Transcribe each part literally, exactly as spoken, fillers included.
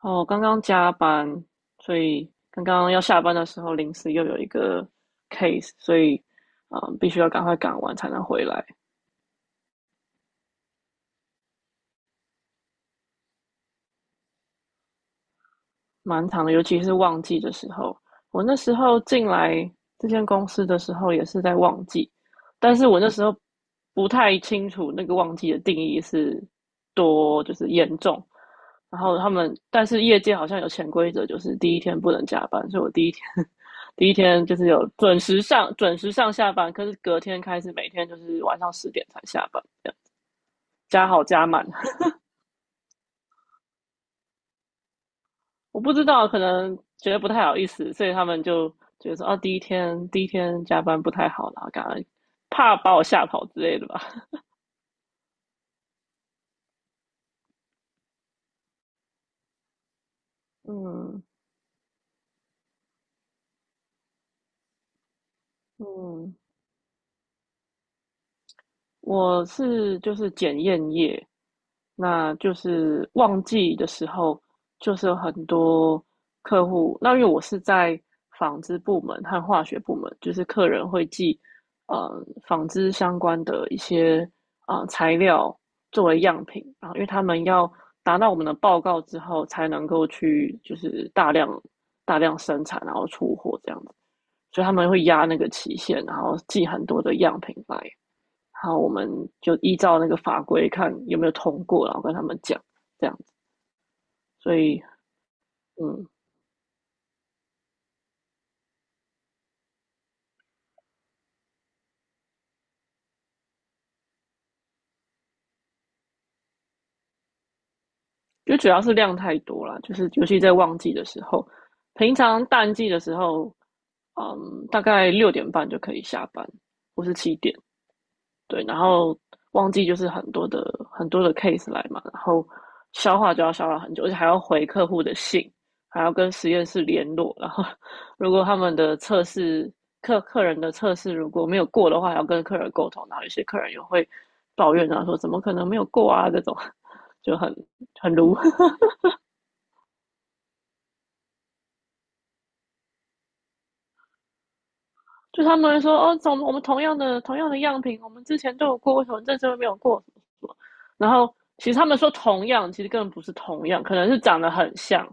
哦，刚刚加班，所以刚刚要下班的时候，临时又有一个 case，所以嗯，必须要赶快赶完才能回来。蛮长的，尤其是旺季的时候。我那时候进来这间公司的时候也是在旺季，但是我那时候不太清楚那个旺季的定义是多就是严重。然后他们，但是业界好像有潜规则，就是第一天不能加班，所以我第一天第一天就是有准时上准时上下班，可是隔天开始每天就是晚上十点才下班，加好加满。我不知道，可能觉得不太好意思，所以他们就觉得说，哦，啊第一天第一天加班不太好啦，感后怕把我吓跑之类的吧。嗯嗯，我是就是检验业，那就是旺季的时候，就是有很多客户。那因为我是在纺织部门和化学部门，就是客人会寄呃纺织相关的一些啊、呃材料作为样品，然后因为他们要达到我们的报告之后，才能够去就是大量大量生产，然后出货这样子，所以他们会压那个期限，然后寄很多的样品来。好，我们就依照那个法规看有没有通过，然后跟他们讲这样子。所以，嗯，就主要是量太多了，就是尤其在旺季的时候，平常淡季的时候，嗯，大概六点半就可以下班，或是七点，对，然后忘季就是很多的很多的 case 来嘛，然后消化就要消化很久，而且还要回客户的信，还要跟实验室联络，然后如果他们的测试客客人的测试如果没有过的话，还要跟客人沟通，然后有些客人也会抱怨啊，说怎么可能没有过啊这种，就很很如。就他们说哦，从我们同样的同样的样品，我们之前都有过，为什么这次没有过？什么什么？然后其实他们说同样，其实根本不是同样，可能是长得很像，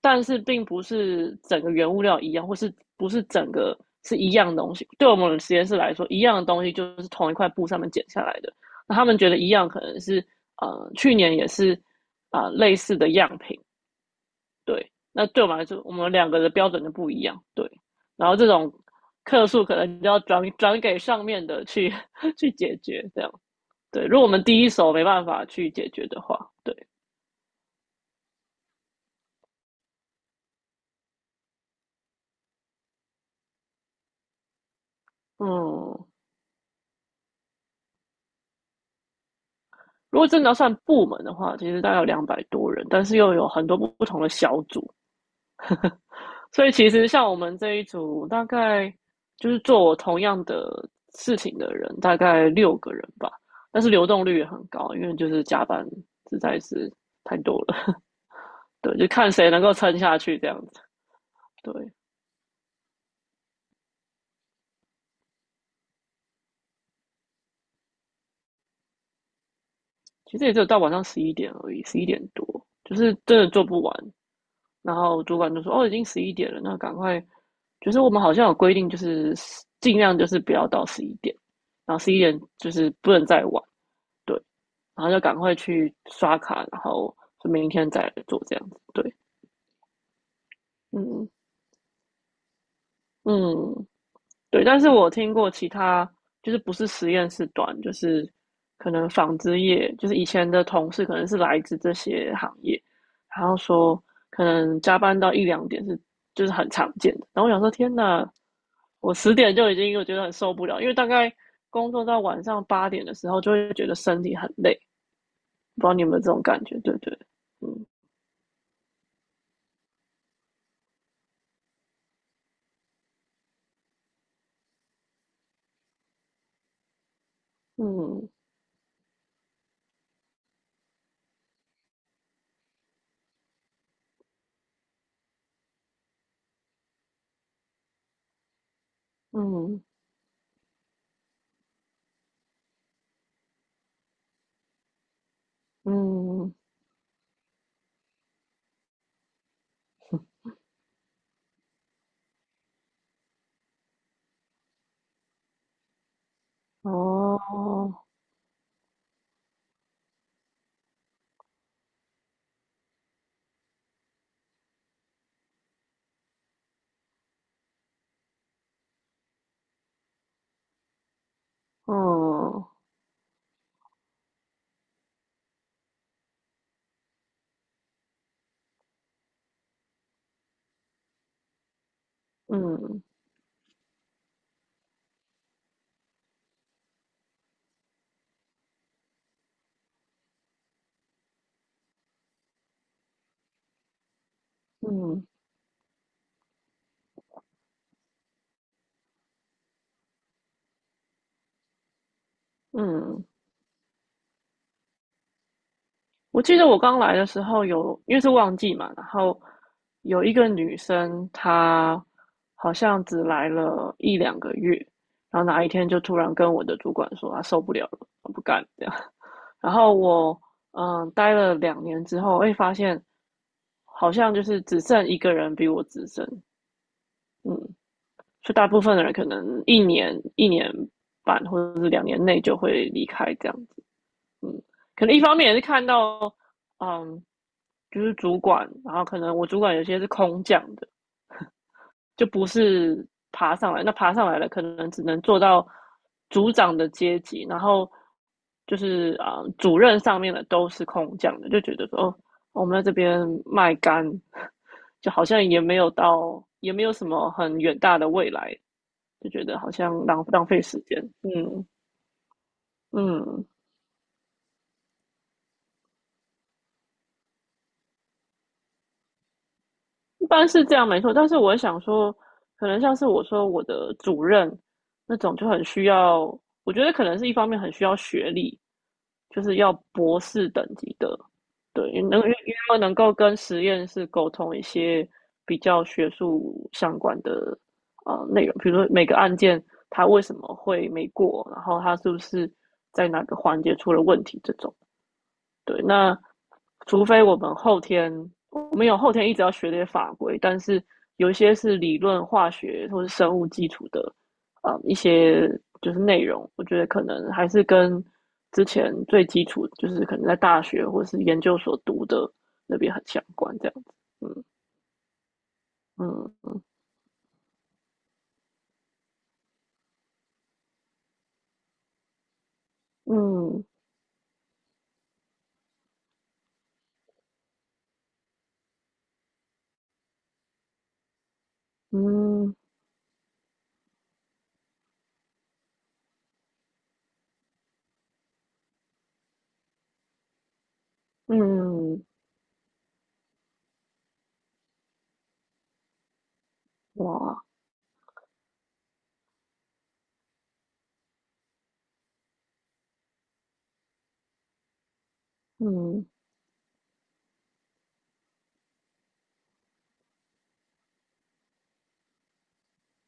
但是并不是整个原物料一样，或是不是整个是一样的东西。对我们实验室来说，一样的东西就是同一块布上面剪下来的。那他们觉得一样，可能是呃去年也是啊、呃类似的样品，对，那对我们来说，我们两个的标准就不一样，对。然后这种客诉可能就要转转给上面的去去解决，这样对。如果我们第一手没办法去解决的话，对，嗯。如果真的要算部门的话，其实大概有两百多人，但是又有很多不同的小组，所以其实像我们这一组，大概就是做我同样的事情的人，大概六个人吧。但是流动率也很高，因为就是加班实在是太多了。对，就看谁能够撑下去这样子。对，其实也只有到晚上十一点而已，十一点多，就是真的做不完。然后主管就说：“哦，已经十一点了，那赶快。”就是我们好像有规定，就是尽量就是不要到十一点，然后十一点就是不能再晚，对，然后就赶快去刷卡，然后就明天再来做这样子，对，嗯嗯，对，但是我听过其他，就是不是实验室短，就是可能纺织业，就是以前的同事可能是来自这些行业，然后说可能加班到一两点是就是很常见的。然后我想说，天呐，我十点就已经我觉得很受不了，因为大概工作到晚上八点的时候，就会觉得身体很累。不知道你有没有这种感觉？对对，嗯嗯嗯嗯，哦，嗯嗯嗯嗯。我记得我刚来的时候有，因为是旺季嘛，然后有一个女生，她好像只来了一两个月，然后哪一天就突然跟我的主管说她受不了了，她不干这样。然后我嗯待了两年之后，会发现好像就是只剩一个人比我资深，嗯，就大部分的人可能一年一年半或者是两年内就会离开这样子，嗯，可能一方面也是看到嗯。就是主管，然后可能我主管有些是空降的，就不是爬上来。那爬上来了，可能只能做到组长的阶级，然后就是啊、呃主任上面的都是空降的，就觉得说哦，我们在这边卖干，就好像也没有到，也没有什么很远大的未来，就觉得好像浪浪费时间。嗯嗯。一般是这样没错，但是我想说，可能像是我说我的主任那种就很需要，我觉得可能是一方面很需要学历，就是要博士等级的，对，因为能因为要能够跟实验室沟通一些比较学术相关的呃内容，比如说每个案件它为什么会没过，然后它是不是在哪个环节出了问题这种，对，那除非我们后天，我们有后天一直要学这些法规，但是有一些是理论化学或是生物基础的，呃，嗯一些就是内容，我觉得可能还是跟之前最基础，就是可能在大学或是研究所读的那边很相关，这样子。嗯嗯嗯嗯嗯，哇，嗯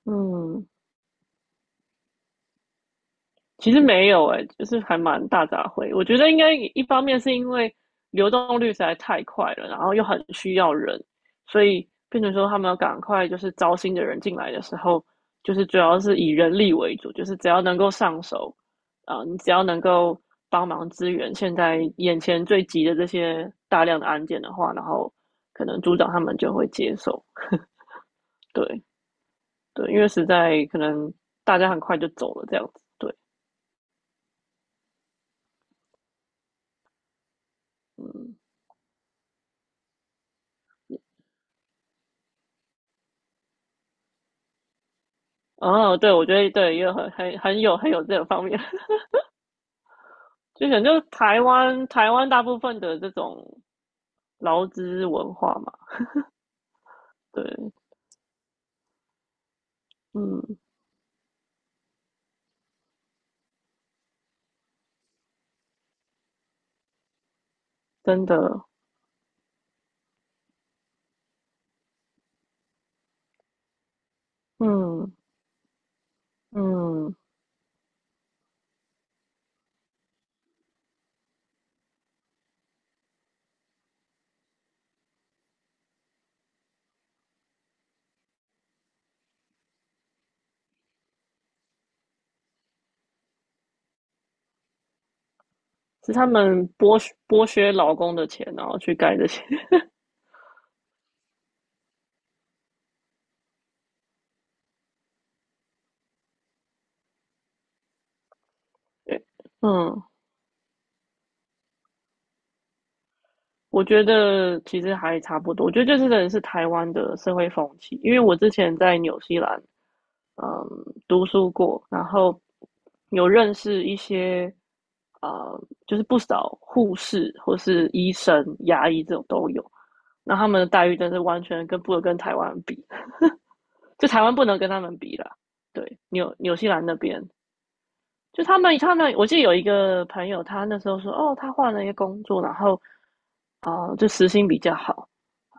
嗯。其实没有诶、欸就是还蛮大杂烩。我觉得应该一方面是因为流动率实在太快了，然后又很需要人，所以变成说他们要赶快就是招新的人进来的时候，就是主要是以人力为主，就是只要能够上手，啊、呃你只要能够帮忙支援现在眼前最急的这些大量的案件的话，然后可能组长他们就会接受。对对，因为实在可能大家很快就走了这样子。对，嗯。哦，对，我觉得对，也很很很有很有这个方面，就可能就是台湾台湾大部分的这种劳资文化嘛，对，嗯，真的，嗯嗯，是他们剥削剥削劳工的钱，然后去盖这些，对，嗯。我觉得其实还差不多，我觉得这真的是台湾的社会风气，因为我之前在纽西兰，嗯，读书过，然后有认识一些，呃，就是不少护士或是医生、牙医这种都有，那他们的待遇真是完全跟不能跟台湾比，就台湾不能跟他们比啦。对，纽纽西兰那边，就他们他们，我记得有一个朋友，他那时候说，哦，他换了一个工作，然后哦，就时薪比较好，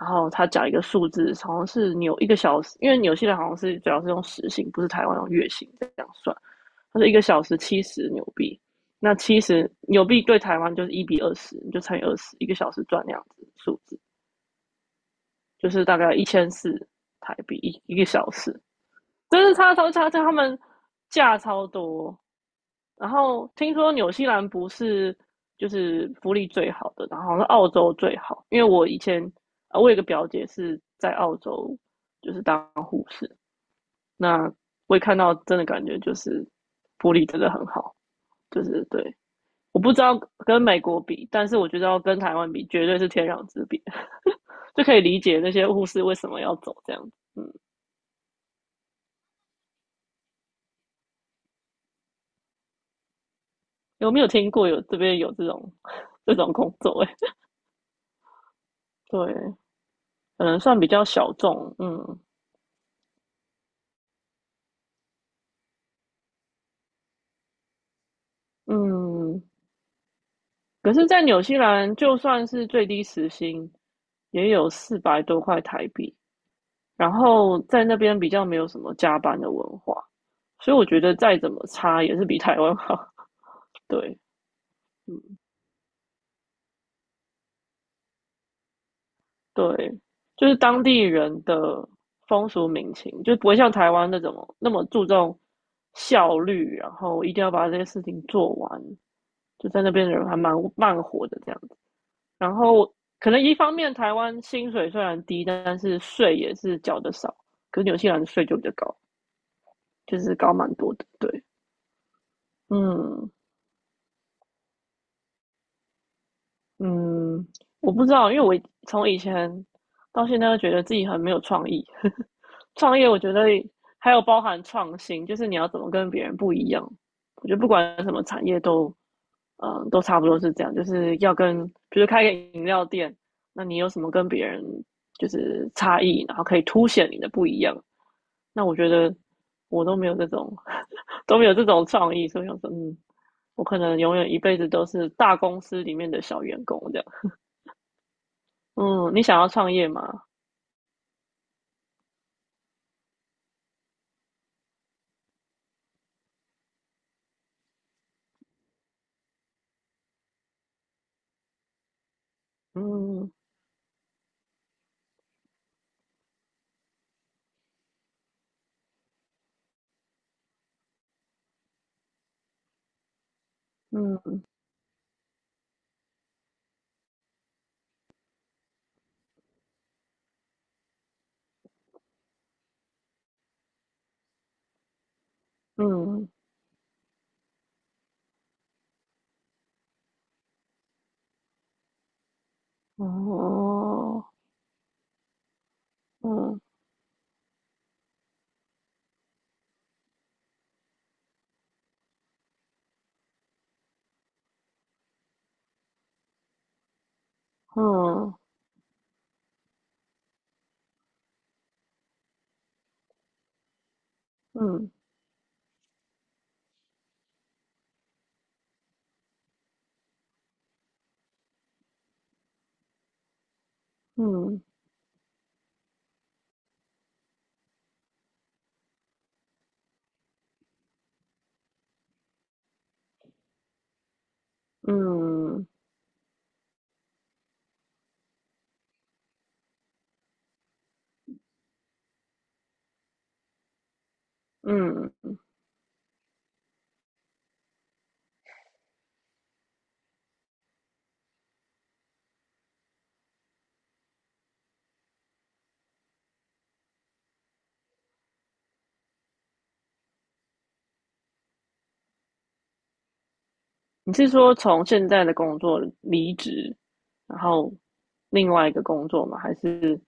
然后他讲一个数字，好像是纽一个小时，因为纽西兰好像是主要是用时薪，不是台湾用月薪这样算。他说一个小时七十纽币，那七十纽币对台湾就是一比二十，你就乘以二十，一个小时赚那样子数字，就是大概一千四台币一一个小时，真是差超差，差他们价超多。然后听说纽西兰不是就是福利最好的，然后好像是澳洲最好，因为我以前啊，呃我有一个表姐是在澳洲就是当护士，那我也看到真的感觉就是福利真的很好，就是对。我不知道跟美国比，但是我觉得要跟台湾比，绝对是天壤之别，就可以理解那些护士为什么要走这样子。嗯，有没有听过有这边有这种 这种工作、欸？哎对，可能算比较小众。嗯嗯，可是，在纽西兰，就算是最低时薪，也有四百多块台币。然后在那边比较没有什么加班的文化，所以我觉得再怎么差也是比台湾好。对，嗯，对，就是当地人的风俗民情，就不会像台湾那种那么注重效率，然后一定要把这些事情做完。就在那边的人还蛮慢活的这样。然后可能一方面台湾薪水虽然低，但是税也是缴的少，可是纽西兰的税就比较高，就是高蛮多的。对，嗯嗯，我不知道，因为我从以前到现在都觉得自己很没有创意，创业我觉得还有包含创新，就是你要怎么跟别人不一样。我觉得不管什么产业都，嗯，都差不多是这样，就是要跟，比如开个饮料店，那你有什么跟别人就是差异，然后可以凸显你的不一样。那我觉得我都没有这种 都没有这种创意，所以我说，嗯，我可能永远一辈子都是大公司里面的小员工这样。嗯，你想要创业吗？嗯嗯嗯，哦，嗯嗯嗯嗯嗯嗯，你是说从现在的工作离职，然后另外一个工作吗？还是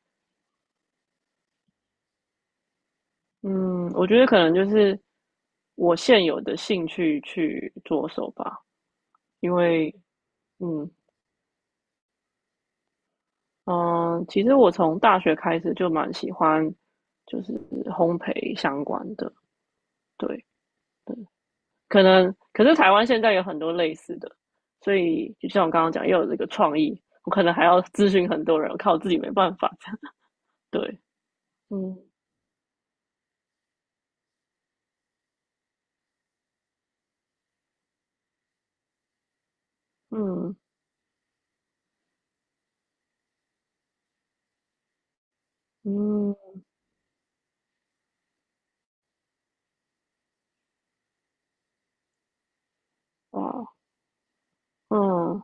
嗯，我觉得可能就是我现有的兴趣去着手吧，因为嗯嗯，呃其实我从大学开始就蛮喜欢就是烘焙相关的，对，可能可是台湾现在有很多类似的，所以就像我刚刚讲，又有这个创意，我可能还要咨询很多人，我靠我自己没办法。对，嗯嗯嗯，哇，嗯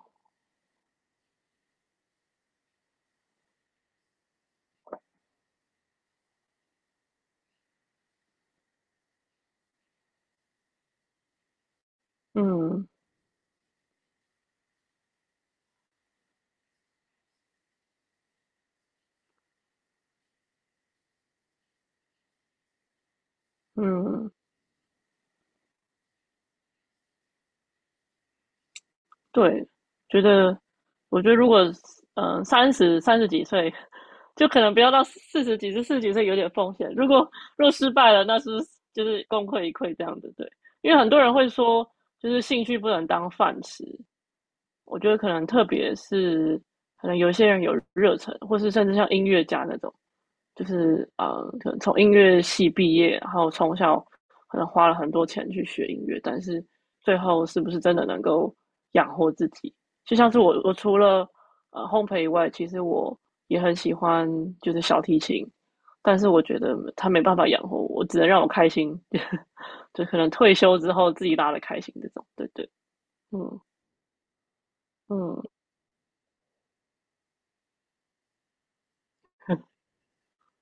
嗯嗯，对，觉得我觉得如果嗯三十三十几岁，就可能不要到四十几岁，四十几岁有点风险。如果若失败了，那是就是功亏一篑这样子？对，因为很多人会说，就是兴趣不能当饭吃，我觉得可能特别是有些人有热忱，或是甚至像音乐家那种，就是呃，可能从音乐系毕业，然后从小可能花了很多钱去学音乐，但是最后是不是真的能够养活自己？就像是我，我除了呃烘焙以外，其实我也很喜欢就是小提琴，但是我觉得它没办法养活我，只能让我开心，就可能退休之后自己拉的开心这种。对对，嗯嗯。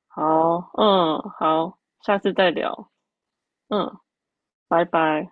好，嗯，好，下次再聊，嗯，拜拜。